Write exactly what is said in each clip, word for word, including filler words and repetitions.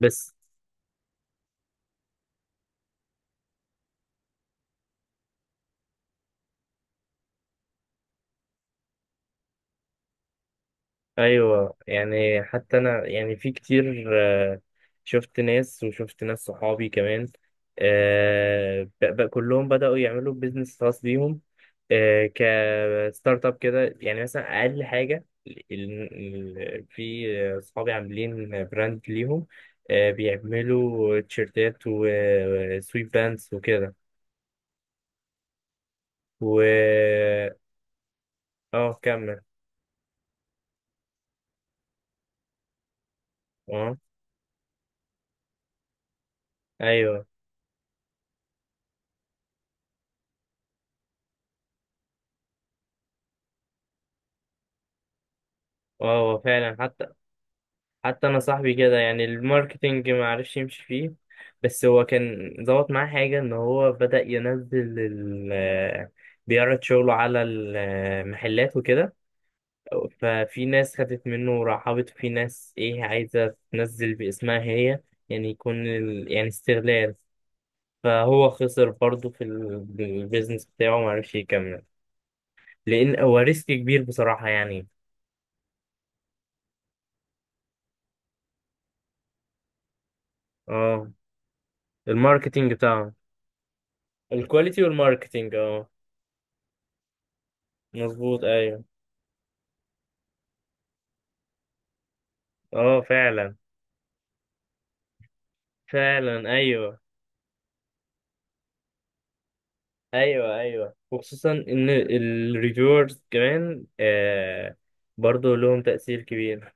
بس، ايوه. يعني حتى انا يعني في كتير، آه، شفت ناس وشفت ناس صحابي كمان، آه، ب- ب- كلهم بدأوا يعملوا بيزنس خاص بيهم، آه، كستارت اب كده. يعني مثلا اقل حاجه، ال- ال- في صحابي عاملين براند ليهم، آه، بيعملوا تيشيرتات وسويت باندز وكده. و اه، كمل. اه، ايوه، اه. هو فعلا، حتى حتى انا صاحبي كده، يعني الماركتينج ما عرفش يمشي فيه. بس هو كان ظبط معاه حاجه ان هو بدأ ينزل ال بيعرض شغله على المحلات وكده. ففي ناس خدت منه ورحبت، في ناس ايه عايزه تنزل باسمها هي، يعني يكون ال... يعني استغلال. فهو خسر برضه في ال- البيزنس بتاعه، ما عرفش يكمل، لان هو ريسك كبير بصراحه يعني. اه، الماركتينج بتاعه. الكواليتي والماركتينج، اه. مظبوط، ايوه. اه، فعلا. فعلا، ايوه. ايوه، ايوه. وخصوصا ان الريفيورز كمان آه برضو لهم تأثير كبير.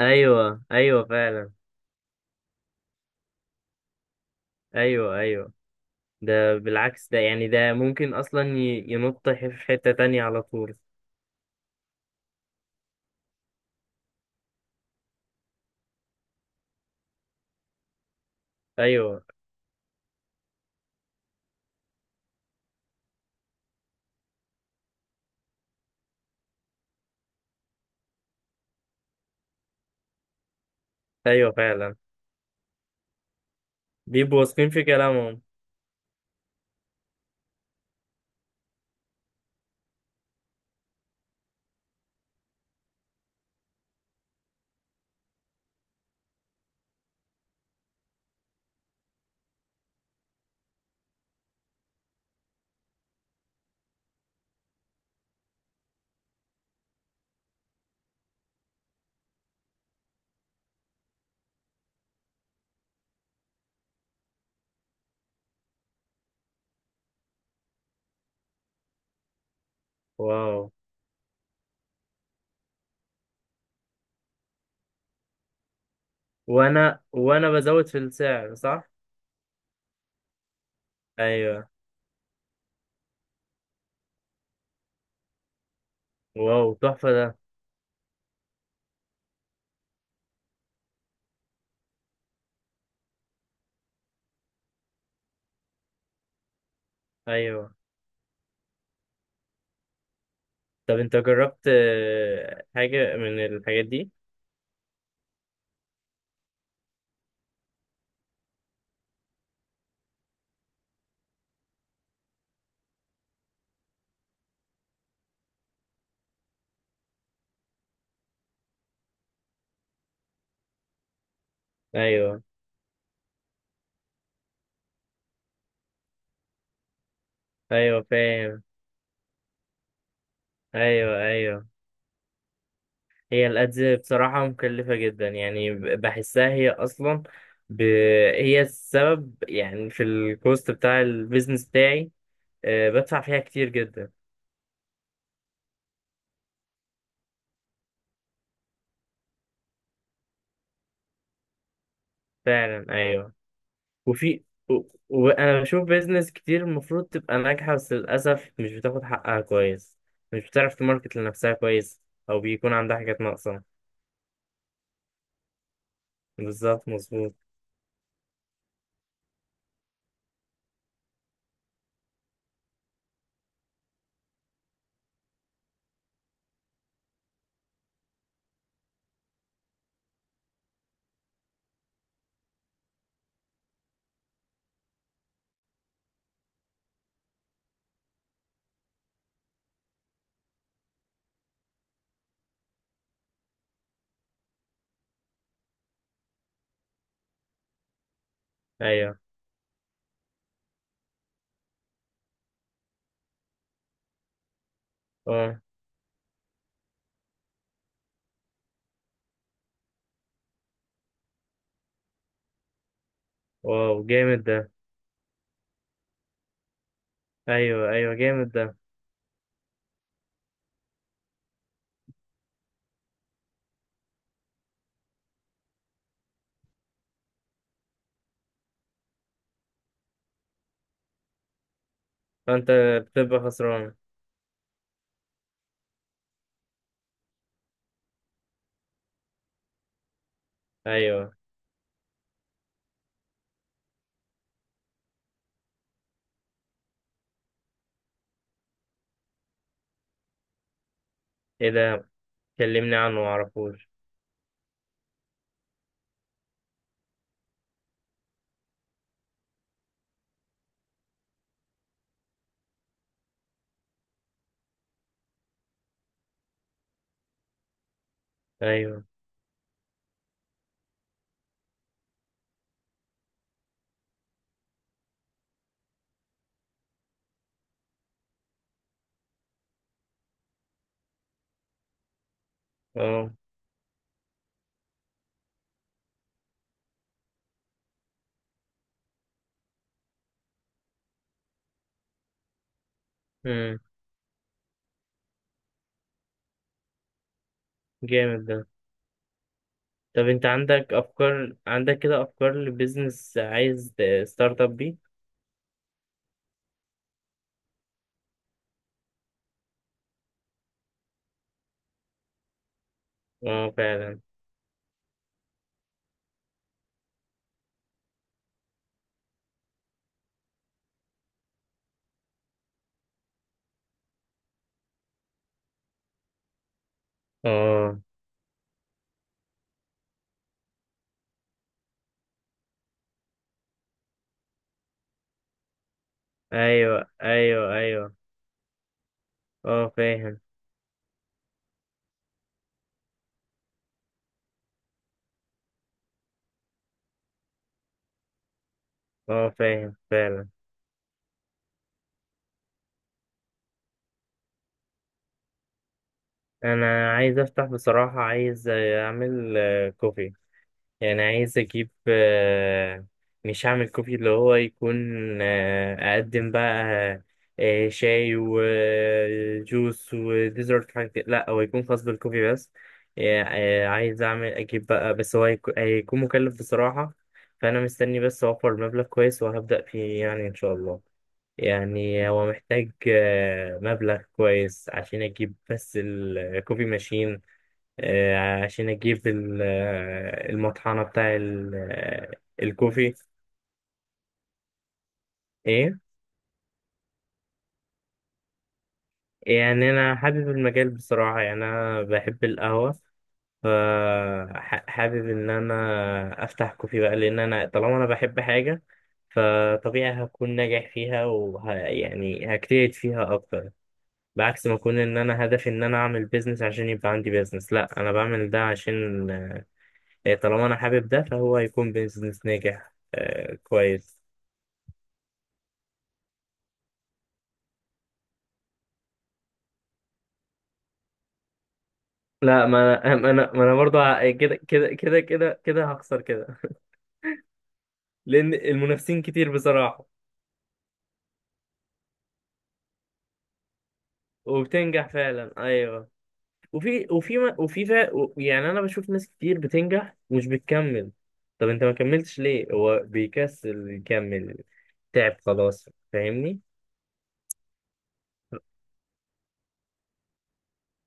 ايوه، ايوه، فعلا. ايوه، ايوه. ده بالعكس، ده يعني ده ممكن اصلا ي- ينط في حتة تانية على طول. ايوه، ايوه، فعلا. بيبقوا واثقين في كلامهم. واو. وانا وانا بزود في السعر، صح؟ ايوه. واو، تحفة ده. ايوه. طب انت جربت آه، حاجة من الحاجات دي؟ ايوه، ايوه، فاهم. ايوه، ايوه. هي الأدز بصراحة مكلفة جدا يعني، ب- بحسها هي أصلا، ب... هي السبب يعني في الكوست بتاع البيزنس بتاعي، آه، بدفع فيها كتير جدا. فعلا، أيوه. وفي و... وأنا بشوف بيزنس كتير المفروض تبقى ناجحة، بس للأسف مش بتاخد حقها كويس، مش بتعرف تماركت لنفسها كويس، أو بيكون عندها حاجات ناقصة. بالظبط، مظبوط، أيوه. أه. واو، جامد ده. أيوه، أيوه، جامد ده. فانت بتبقى خسران. ايوه. ايه ده؟ كلمني عنه، معرفوش. ايوه، اه. امم جامد ده. طب انت عندك افكار، عندك كده افكار لبيزنس عايز ستارت اب بيه؟ اه، فعلا. اه، ايوه، ايوه، ايوه. اه، فاهم. اه، فاهم فعلا. انا عايز افتح بصراحة، عايز اعمل آه، كوفي. يعني عايز اجيب، آه، مش هعمل كوفي اللي هو يكون، آه، اقدم بقى آه، شاي وجوس وديزرت حاجة كده. لا، هو يكون خاص بالكوفي بس. يعني عايز اعمل اجيب بقى، بس هو هيك- هيكون مكلف بصراحة. فانا مستني بس اوفر مبلغ كويس وهبدأ فيه يعني ان شاء الله. يعني هو محتاج آه، مبلغ كويس عشان اجيب بس الكوفي ماشين، آه، عشان اجيب ال- آه، المطحنة بتاع ال- آه، الكوفي. ايه؟ يعني انا حابب المجال بصراحة، يعني انا بحب القهوة، فحابب ان انا افتح كوفي بقى، لان انا طالما انا بحب حاجة فطبيعي هكون ناجح فيها، وه يعني هجتهد فيها اكتر. بعكس ما اكون ان انا هدفي ان انا اعمل بيزنس عشان يبقى عندي بيزنس. لا، انا بعمل ده عشان، آه، طالما انا حابب ده، فهو هيكون بيزنس ناجح، آه، كويس. لا، ما انا ما انا ما انا برضه ه- كده كده كده كده كده هخسر كده، لان المنافسين كتير بصراحه. وبتنجح فعلا، ايوه. وفي وفي ما- وفي فا و- يعني انا بشوف ناس كتير بتنجح ومش بتكمل. طب انت ما كملتش ليه؟ هو بيكسل يكمل، تعب خلاص، فاهمني.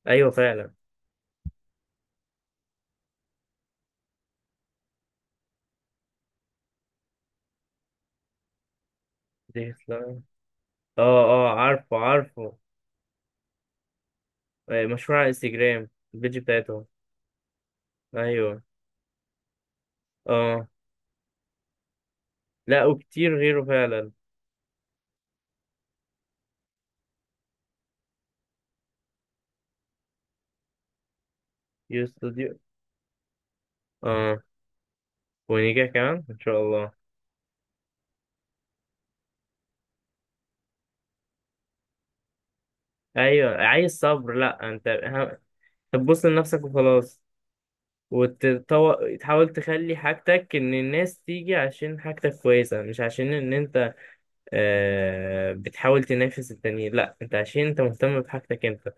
ايوه، فعلا. دي خسارة. اه، اه، عارفه عارفه. آه، مشروع على انستجرام، البيج بتاعتهم. ايوه، اه. لا، وكتير غيره فعلا. يستوديو، اه. ونيجا كمان ان شاء الله. ايوه، عايز صبر. لا، انت ه- هتبص لنفسك وخلاص، وتحاول تخلي حاجتك ان الناس تيجي عشان حاجتك كويسه، مش عشان ان انت آه بتحاول تنافس التانيين. لا، انت عشان انت مهتم بحاجتك انت.